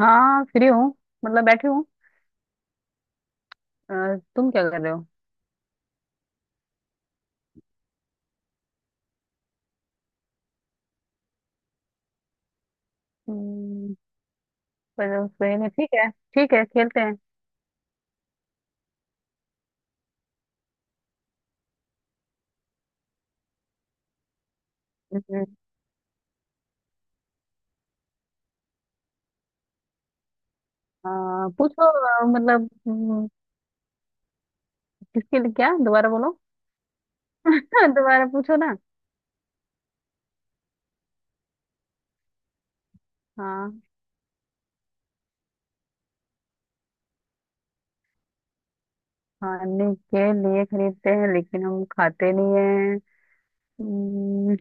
हाँ, फ्री हूँ। मतलब बैठी हूँ। अ, तुम क्या कर रहे हो? हम्म, पर सही में ठीक है? ठीक है, खेलते हैं। हम्म, पूछो। मतलब किसके लिए, क्या? दोबारा बोलो। दोबारा पूछो ना। हाँ, खाने के लिए खरीदते हैं लेकिन हम खाते नहीं हैं। हम्म,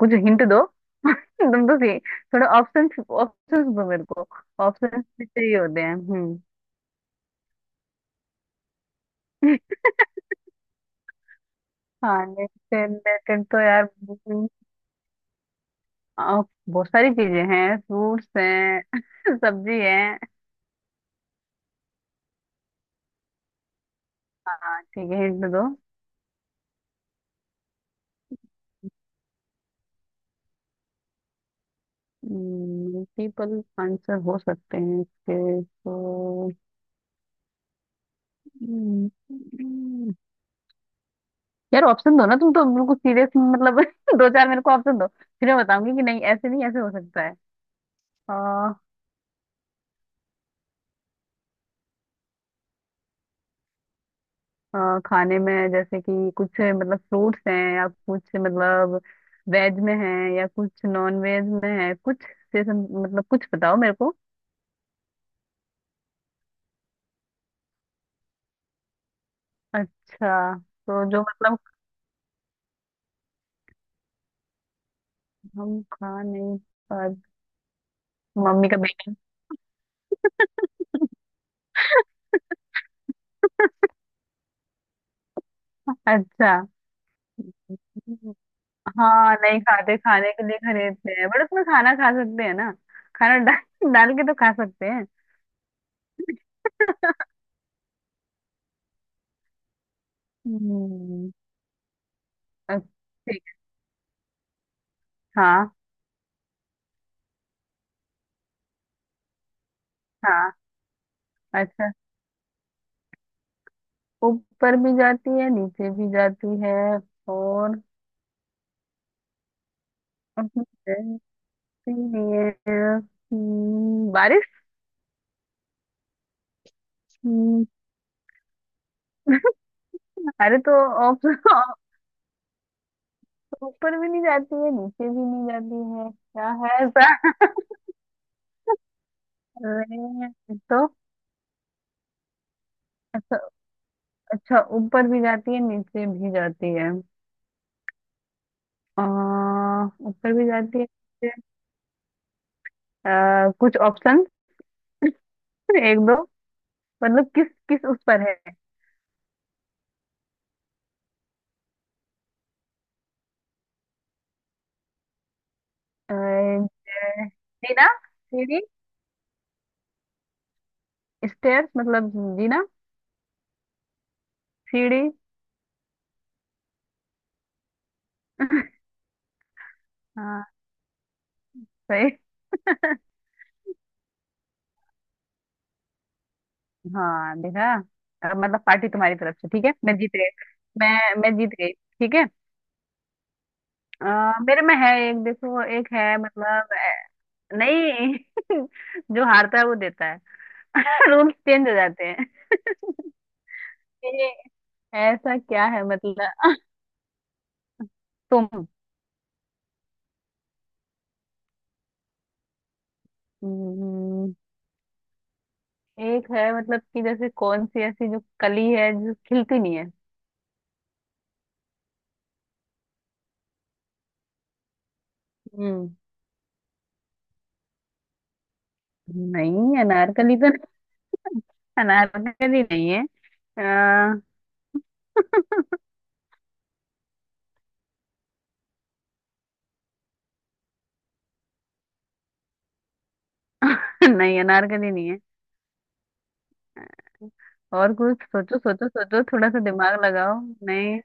कुछ हिंट दो। तुम तो सी- थोड़े ऑप्शन ऑप्शन दो मेरे को। ऑप्शन चाहिए होते हैं। हम्म। खाने से रिलेटेड तो, यार, आ, बहुत सारी चीजें हैं, फ्रूट्स हैं, सब्जी है। ठीक है, हिंट दो। मल्टीपल आंसर हो सकते हैं इसके तो। हम्म। यार, ऑप्शन दो ना। तुम तो बिल्कुल सीरियस, मतलब। दो चार मेरे को ऑप्शन दो, फिर मैं बताऊंगी कि नहीं ऐसे, नहीं ऐसे हो सकता है। आ, आ, खाने में जैसे कि कुछ, मतलब, फ्रूट्स हैं या कुछ, मतलब, वेज में है, या कुछ नॉन वेज में है कुछ। जैसे मतलब कुछ बताओ मेरे को। अच्छा, तो जो मतलब हम खा नहीं पाते। मम्मी का बेटा। अच्छा, हाँ, नहीं खाते, खाने के लिए खरीदते हैं, बट उसमें खाना खा सकते हैं ना। खाना डाल डाल के तो खा सकते हैं। हम्म। अच्छा, ठीक है। हाँ। हाँ, अच्छा, ऊपर भी जाती है, नीचे भी जाती है, और उसमें रहती नहीं है। बारिश। हम्म, अरे तो, ऑप्शन, ऊपर भी नहीं जाती है, नीचे भी नहीं जाती है, क्या है ऐसा? अरे, तो, अच्छा, अच्छा, ऊपर भी जाती है, नीचे भी जाती है। आ, ऊपर भी जाती है, नीचे। कुछ ऑप्शन, एक दो। मतलब किस किस उस पर है? अ, ज- जीना, सीढ़ी, स्टेयर्स, मतलब जीना, सीढ़ी। हाँ, सही। हाँ, देखा। अब मतलब पार्टी तुम्हारी तरफ से, ठीक है, मैं जीत गई। मैं जीत गई, ठीक है। मेरे में है एक, देखो, एक है, मतलब, नहीं। जो हारता है वो देता है। रूल्स चेंज हो जाते हैं। ये, ऐसा क्या है, मतलब, तुम। हम्म, एक है, मतलब कि जैसे कौन सी ऐसी जो कली है जो खिलती नहीं है? हम्म। नहीं अनारकली तो नहीं- अनारकली नहीं है। अ, नहीं, अनारकली नहीं है। और कुछ सोचो, सोचो, सोचो, थोड़ा सा दिमाग लगाओ। नहीं,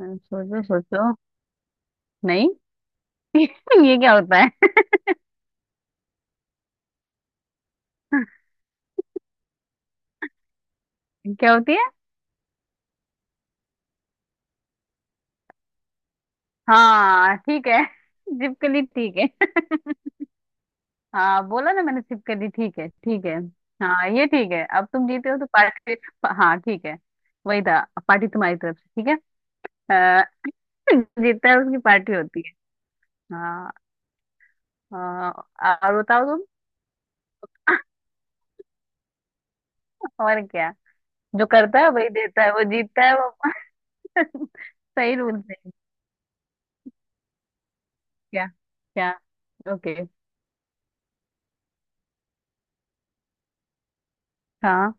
सोचो, सोचो। नहीं। ये क्या होता है? क्या होती है? हाँ, ठीक है, छिपकली, ठीक है। हाँ, बोला ना मैंने, छिपकली ठीक है, ठीक है। हाँ, ये ठीक है, अब तुम जीते हो तो पार्टी। हाँ, ठीक है। वही था। पार्टी तुम्हारी तरफ से, ठीक है। अ, जीतता है उसकी पार्टी होती है। हाँ। अ, और बताओ तुम। और क्या, जो करता है वही देता है, वो जीतता है वो। सही रूल है। क्या? क्या? ओके। हाँ,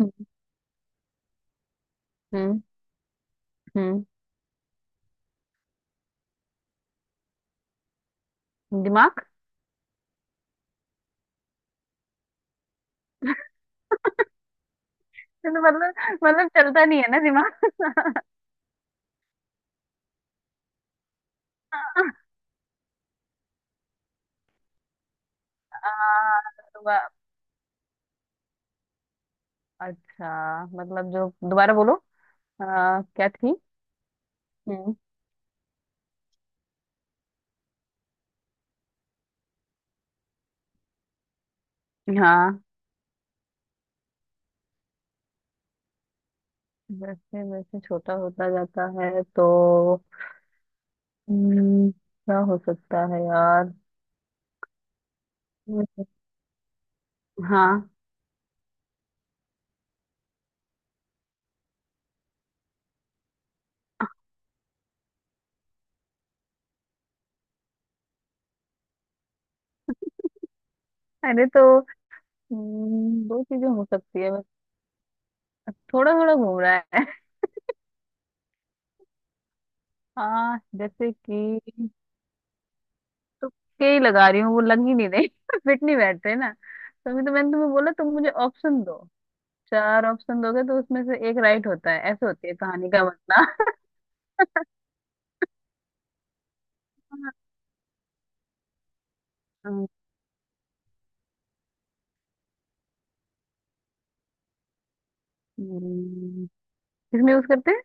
हम्म, हम्म, दिमाग। मतलब मतलब चलता नहीं है ना दिमाग। आ, अच्छा, मतलब जो, दोबारा बोलो। क्या थी? हम्म। हाँ, जैसे जैसे छोटा होता जाता है तो, क्या हो सकता है यार? हम्म। हाँ। अरे तो, दो चीजें हो सकती है बस। थोड़ा थोड़ा घूम रहा है। हाँ, जैसे कि, तुक्के ही लगा रही हूँ, वो लग ही नहीं रही। फिट नहीं बैठ रहे ना। तभी तो मैंने तुम्हें बोला, तुम मुझे ऑप्शन दो। चार ऑप्शन दोगे तो उसमें से एक राइट होता है, ऐसे होती है कहानी का मतलब। हम्म, किसमें यूज करते हैं?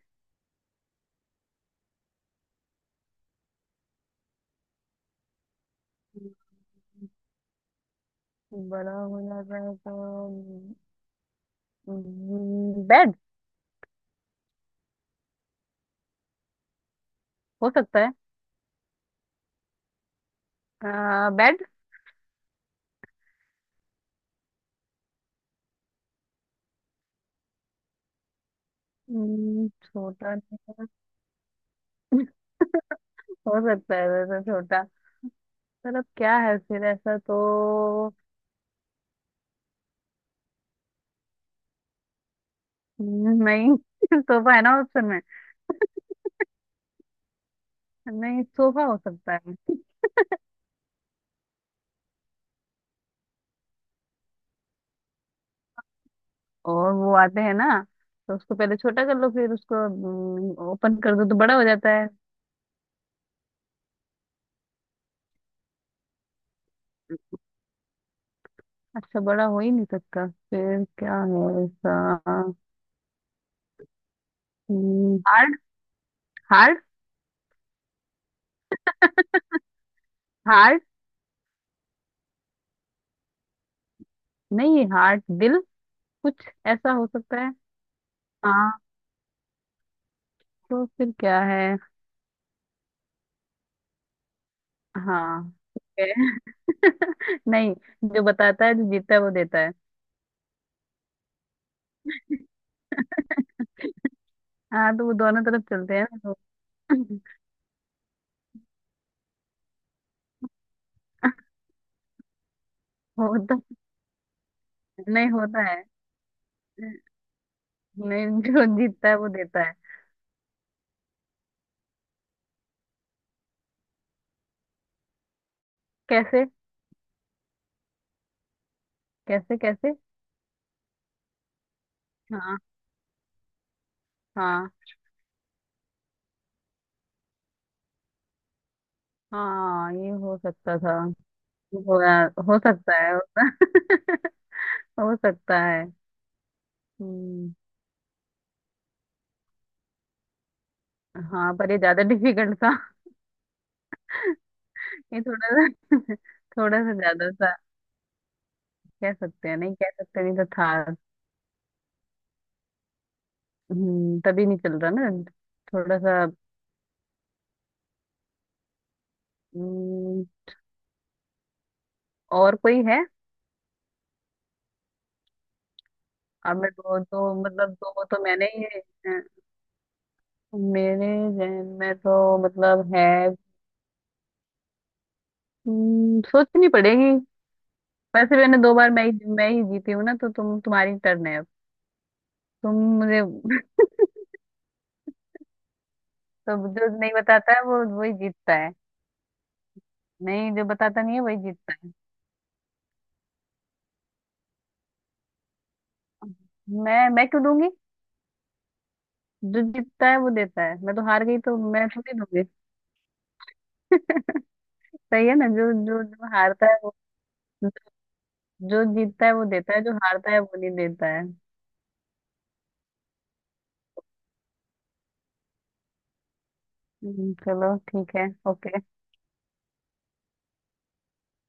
बड़ा हो जाता है तो, बेड हो सकता है। बेड। छोटा नहीं है। हो सकता है वैसे छोटा। पर अब क्या है फिर, ऐसा तो। नहीं। सोफा है ना, ऑप्शन में। नहीं, सोफा हो सकता है। और वो आते हैं ना, तो उसको पहले छोटा कर लो, फिर उसको ओपन कर दो तो बड़ा हो जाता है। अच्छा, बड़ा हो ही नहीं सकता फिर, क्या है ऐसा? हार्ट। हार्ट। हार्ट। नहीं, हार्ट, दिल, कुछ ऐसा हो सकता है। हाँ, तो फिर क्या है? हाँ, ठीक है। नहीं, जो बताता है, जो जीतता है वो देता है। हाँ तो, वो दोनों तरफ चलते हैं ना, तो। होता, नहीं होता है। नहीं, जो जीतता है वो देता है। कैसे? कैसे? कैसे? हाँ, हाँ, हाँ, ये हो सकता था। हो, हो सकता है। हो सकता है। हम्म। हाँ, पर ये ज्यादा डिफिकल्ट था। ये थोड़ा सा, थोड़ा सा ज्यादा सा। कह सकते हैं, नहीं कह सकते, नहीं तो था। तभी नहीं चल रहा ना, थोड़ा सा। हम्म। और कोई है? अब मैं दो तो, मतलब, दो तो मैंने ही हैं। मेरे जहन में तो, मतलब, है। सोचनी पड़ेगी। वैसे मैंने दो बार मैं ही, मैं ही जीती हूँ ना, तो तुम, तुम्हारी टर्न है अब। तुम मुझे। तो जो नहीं बताता है वो वही जीतता है। नहीं, जो बताता नहीं है वही जीतता है। मैं क्यों दूंगी? जो जीतता है वो देता है, मैं तो हार गई तो मैं थोड़ी दूंगी। सही है ना, जो जो जो हारता है वो, जो जीतता है वो देता है, जो हारता है वो नहीं देता है। चलो ठीक है, ओके।